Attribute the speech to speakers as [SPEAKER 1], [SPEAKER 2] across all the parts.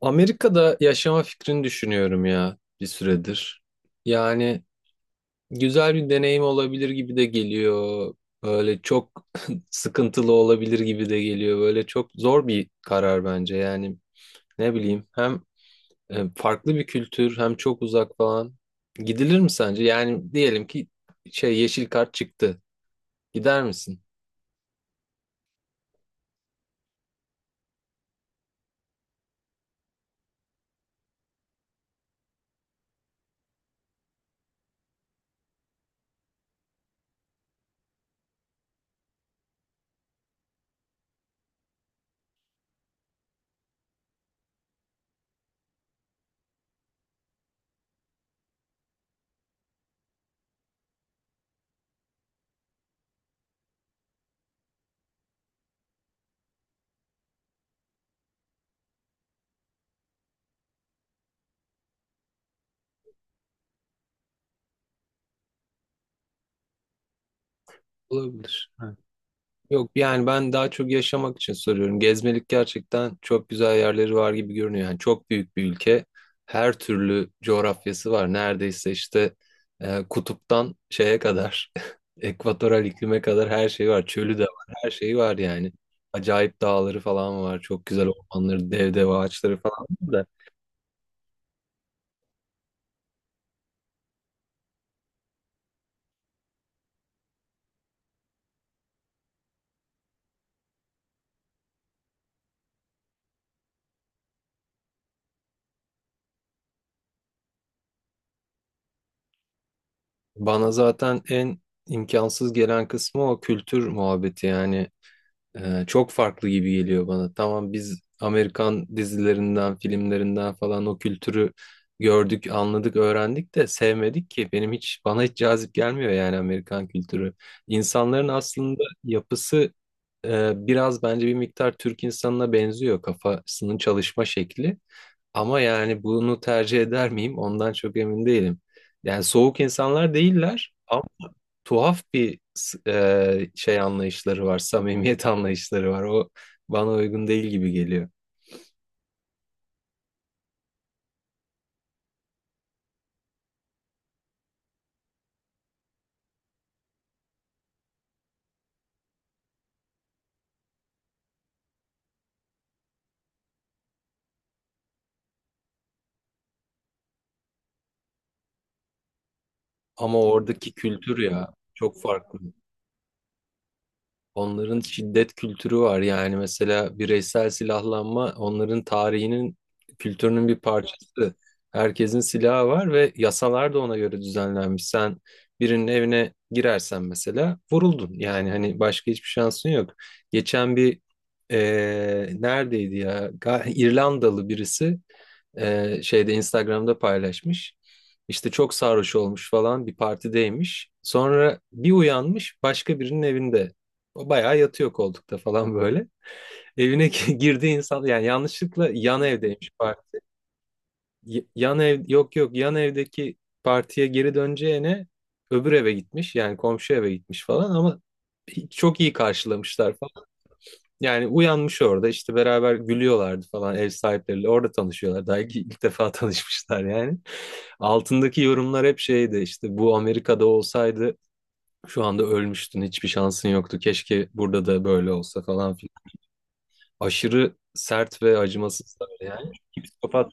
[SPEAKER 1] Amerika'da yaşama fikrini düşünüyorum ya bir süredir. Yani güzel bir deneyim olabilir gibi de geliyor. Böyle çok sıkıntılı olabilir gibi de geliyor. Böyle çok zor bir karar bence. Yani ne bileyim hem farklı bir kültür hem çok uzak falan. Gidilir mi sence? Yani diyelim ki şey yeşil kart çıktı. Gider misin? Olabilir. Yok yani ben daha çok yaşamak için soruyorum. Gezmelik gerçekten çok güzel yerleri var gibi görünüyor. Yani çok büyük bir ülke. Her türlü coğrafyası var. Neredeyse işte kutuptan şeye kadar, ekvatoral iklime kadar her şey var. Çölü de var, her şeyi var yani. Acayip dağları falan var. Çok güzel ormanları, dev dev ağaçları falan var da. Bana zaten en imkansız gelen kısmı o kültür muhabbeti yani. Çok farklı gibi geliyor bana. Tamam biz Amerikan dizilerinden, filmlerinden falan o kültürü gördük, anladık, öğrendik de sevmedik ki. Benim hiç bana hiç cazip gelmiyor yani Amerikan kültürü. İnsanların aslında yapısı biraz bence bir miktar Türk insanına benziyor kafasının çalışma şekli. Ama yani bunu tercih eder miyim? Ondan çok emin değilim. Yani soğuk insanlar değiller, tuhaf bir şey anlayışları var, samimiyet anlayışları var. O bana uygun değil gibi geliyor. Ama oradaki kültür ya çok farklı. Onların şiddet kültürü var yani mesela bireysel silahlanma onların tarihinin kültürünün bir parçası. Herkesin silahı var ve yasalar da ona göre düzenlenmiş. Sen birinin evine girersen mesela vuruldun. Yani hani başka hiçbir şansın yok. Geçen bir neredeydi ya? İrlandalı birisi şeyde Instagram'da paylaşmış. İşte çok sarhoş olmuş falan bir partideymiş. Sonra bir uyanmış başka birinin evinde. O bayağı yatıyor koltukta falan böyle. Evine girdiği insan yani yanlışlıkla yan evdeymiş parti. Yan ev, yok yok, yan evdeki partiye geri döneceğine öbür eve gitmiş yani komşu eve gitmiş falan ama çok iyi karşılamışlar yani uyanmış orada işte beraber gülüyorlardı falan ev sahipleriyle orada tanışıyorlar. Daha ilk defa tanışmışlar yani. Altındaki yorumlar hep şeydi işte bu Amerika'da olsaydı şu anda ölmüştün, hiçbir şansın yoktu. Keşke burada da böyle olsa falan filan. Aşırı sert ve acımasız böyle yani. Psikopat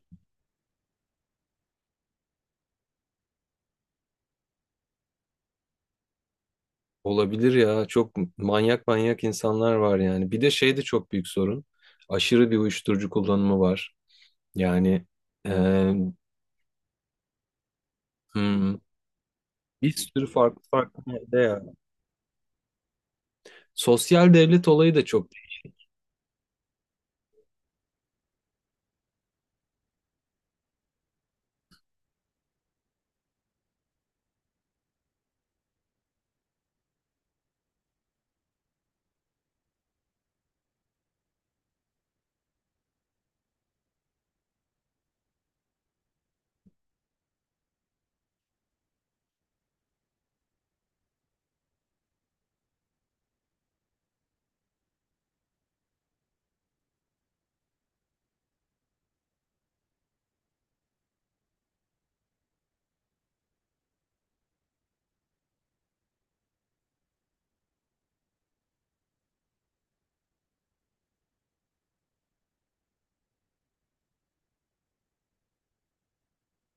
[SPEAKER 1] olabilir ya, çok manyak manyak insanlar var yani. Bir de şey de çok büyük sorun. Aşırı bir uyuşturucu kullanımı var. Yani eee, hmm, bir sürü farklı farklı madde ya. Sosyal devlet olayı da çok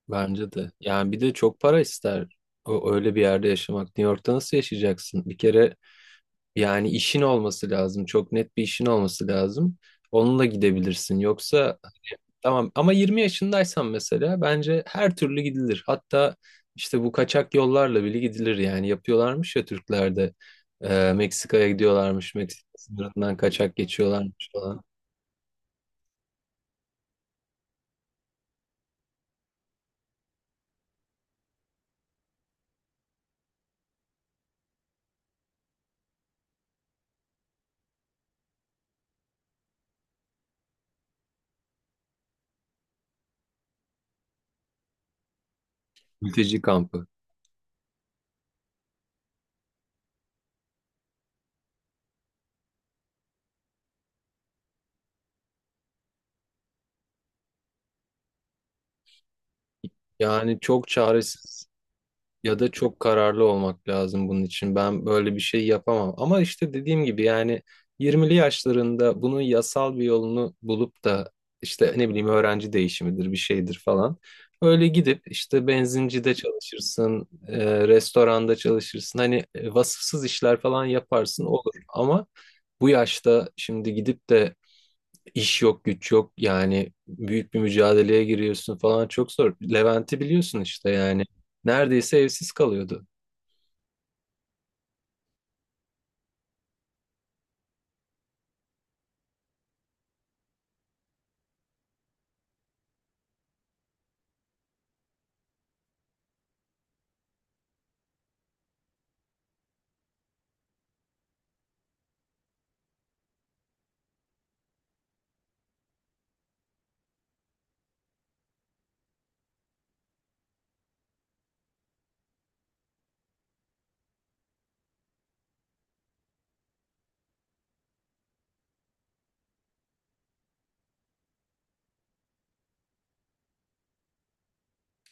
[SPEAKER 1] bence de. Yani bir de çok para ister. O, öyle bir yerde yaşamak. New York'ta nasıl yaşayacaksın? Bir kere yani işin olması lazım. Çok net bir işin olması lazım. Onunla gidebilirsin. Yoksa tamam, ama 20 yaşındaysan mesela bence her türlü gidilir. Hatta işte bu kaçak yollarla bile gidilir yani. Yapıyorlarmış ya Türklerde. Meksika'ya gidiyorlarmış. Meksika sınırından kaçak geçiyorlarmış falan. Mülteci kampı. Yani çok çaresiz, ya da çok kararlı olmak lazım bunun için. Ben böyle bir şey yapamam. Ama işte dediğim gibi yani 20'li yaşlarında bunun yasal bir yolunu bulup da işte ne bileyim öğrenci değişimidir bir şeydir falan. Öyle gidip işte benzincide çalışırsın, restoranda çalışırsın. Hani vasıfsız işler falan yaparsın olur. Ama bu yaşta şimdi gidip de İş yok, güç yok. Yani büyük bir mücadeleye giriyorsun falan, çok zor. Levent'i biliyorsun işte yani. Neredeyse evsiz kalıyordu.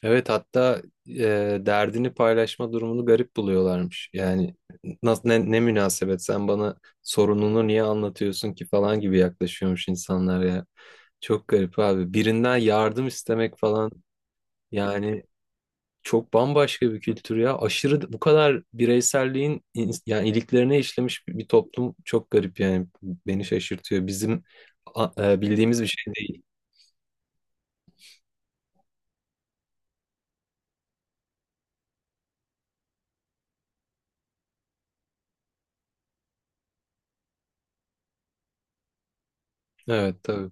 [SPEAKER 1] Evet, hatta derdini paylaşma durumunu garip buluyorlarmış. Yani nasıl, ne münasebet sen bana sorununu niye anlatıyorsun ki falan gibi yaklaşıyormuş insanlar ya. Çok garip abi. Birinden yardım istemek falan yani. Çok bambaşka bir kültür ya. Aşırı bu kadar bireyselliğin yani iliklerine işlemiş bir toplum, çok garip yani, beni şaşırtıyor. Bizim bildiğimiz bir şey değil. Evet tabii.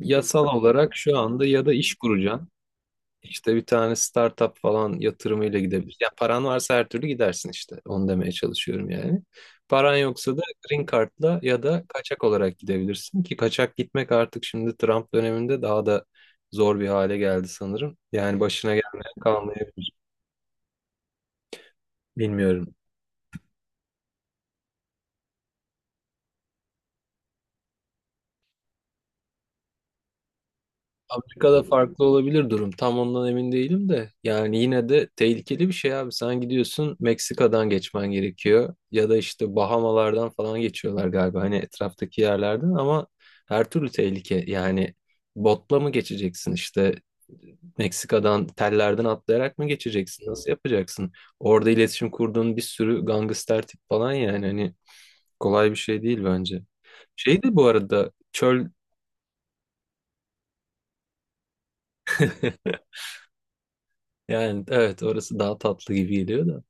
[SPEAKER 1] Yasal olarak şu anda ya da iş kuracaksın. İşte bir tane startup falan yatırımıyla gidebilir. Yani paran varsa her türlü gidersin işte. Onu demeye çalışıyorum yani. Paran yoksa da green card'la ya da kaçak olarak gidebilirsin ki kaçak gitmek artık şimdi Trump döneminde daha da zor bir hale geldi sanırım. Yani başına gelmeyen kalmayabilir. Bilmiyorum. Afrika'da farklı olabilir durum. Tam ondan emin değilim de. Yani yine de tehlikeli bir şey abi. Sen gidiyorsun, Meksika'dan geçmen gerekiyor. Ya da işte Bahamalardan falan geçiyorlar galiba. Hani etraftaki yerlerden, ama her türlü tehlike. Yani botla mı geçeceksin, işte Meksika'dan tellerden atlayarak mı geçeceksin? Nasıl yapacaksın? Orada iletişim kurduğun bir sürü gangster tip falan yani, hani kolay bir şey değil bence. Şeydi bu arada çöl. Yani evet, orası daha tatlı gibi geliyor da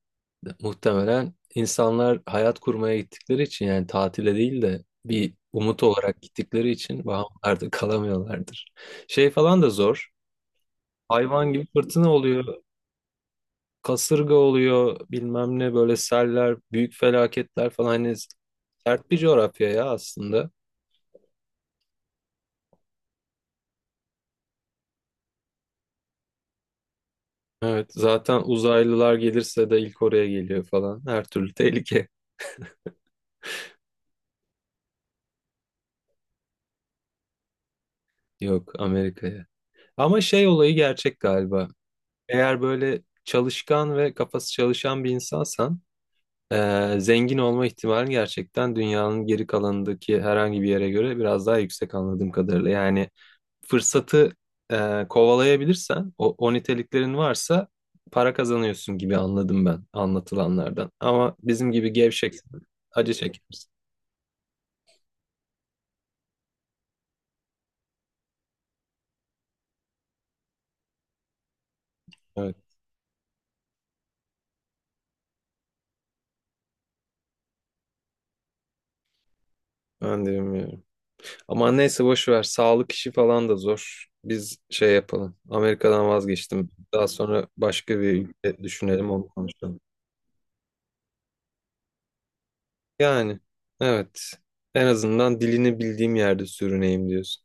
[SPEAKER 1] muhtemelen insanlar hayat kurmaya gittikleri için, yani tatile değil de bir umut olarak gittikleri için vahamlarda kalamıyorlardır. Şey falan da zor. Hayvan gibi fırtına oluyor, kasırga oluyor, bilmem ne, böyle seller, büyük felaketler falan, hani sert bir coğrafya ya aslında. Evet zaten uzaylılar gelirse de ilk oraya geliyor falan. Her türlü tehlike yok Amerika'ya. Ama şey olayı gerçek galiba. Eğer böyle çalışkan ve kafası çalışan bir insansan, zengin olma ihtimalin gerçekten dünyanın geri kalanındaki herhangi bir yere göre biraz daha yüksek anladığım kadarıyla. Yani fırsatı kovalayabilirsen, o niteliklerin varsa para kazanıyorsun gibi anladım ben anlatılanlardan. Ama bizim gibi gevşek, acı çekersin. Evet, ben de bilmiyorum. Ama neyse boş ver. Sağlık işi falan da zor. Biz şey yapalım. Amerika'dan vazgeçtim. Daha sonra başka bir ülke düşünelim, onu konuşalım. Yani evet. En azından dilini bildiğim yerde sürüneyim diyorsun.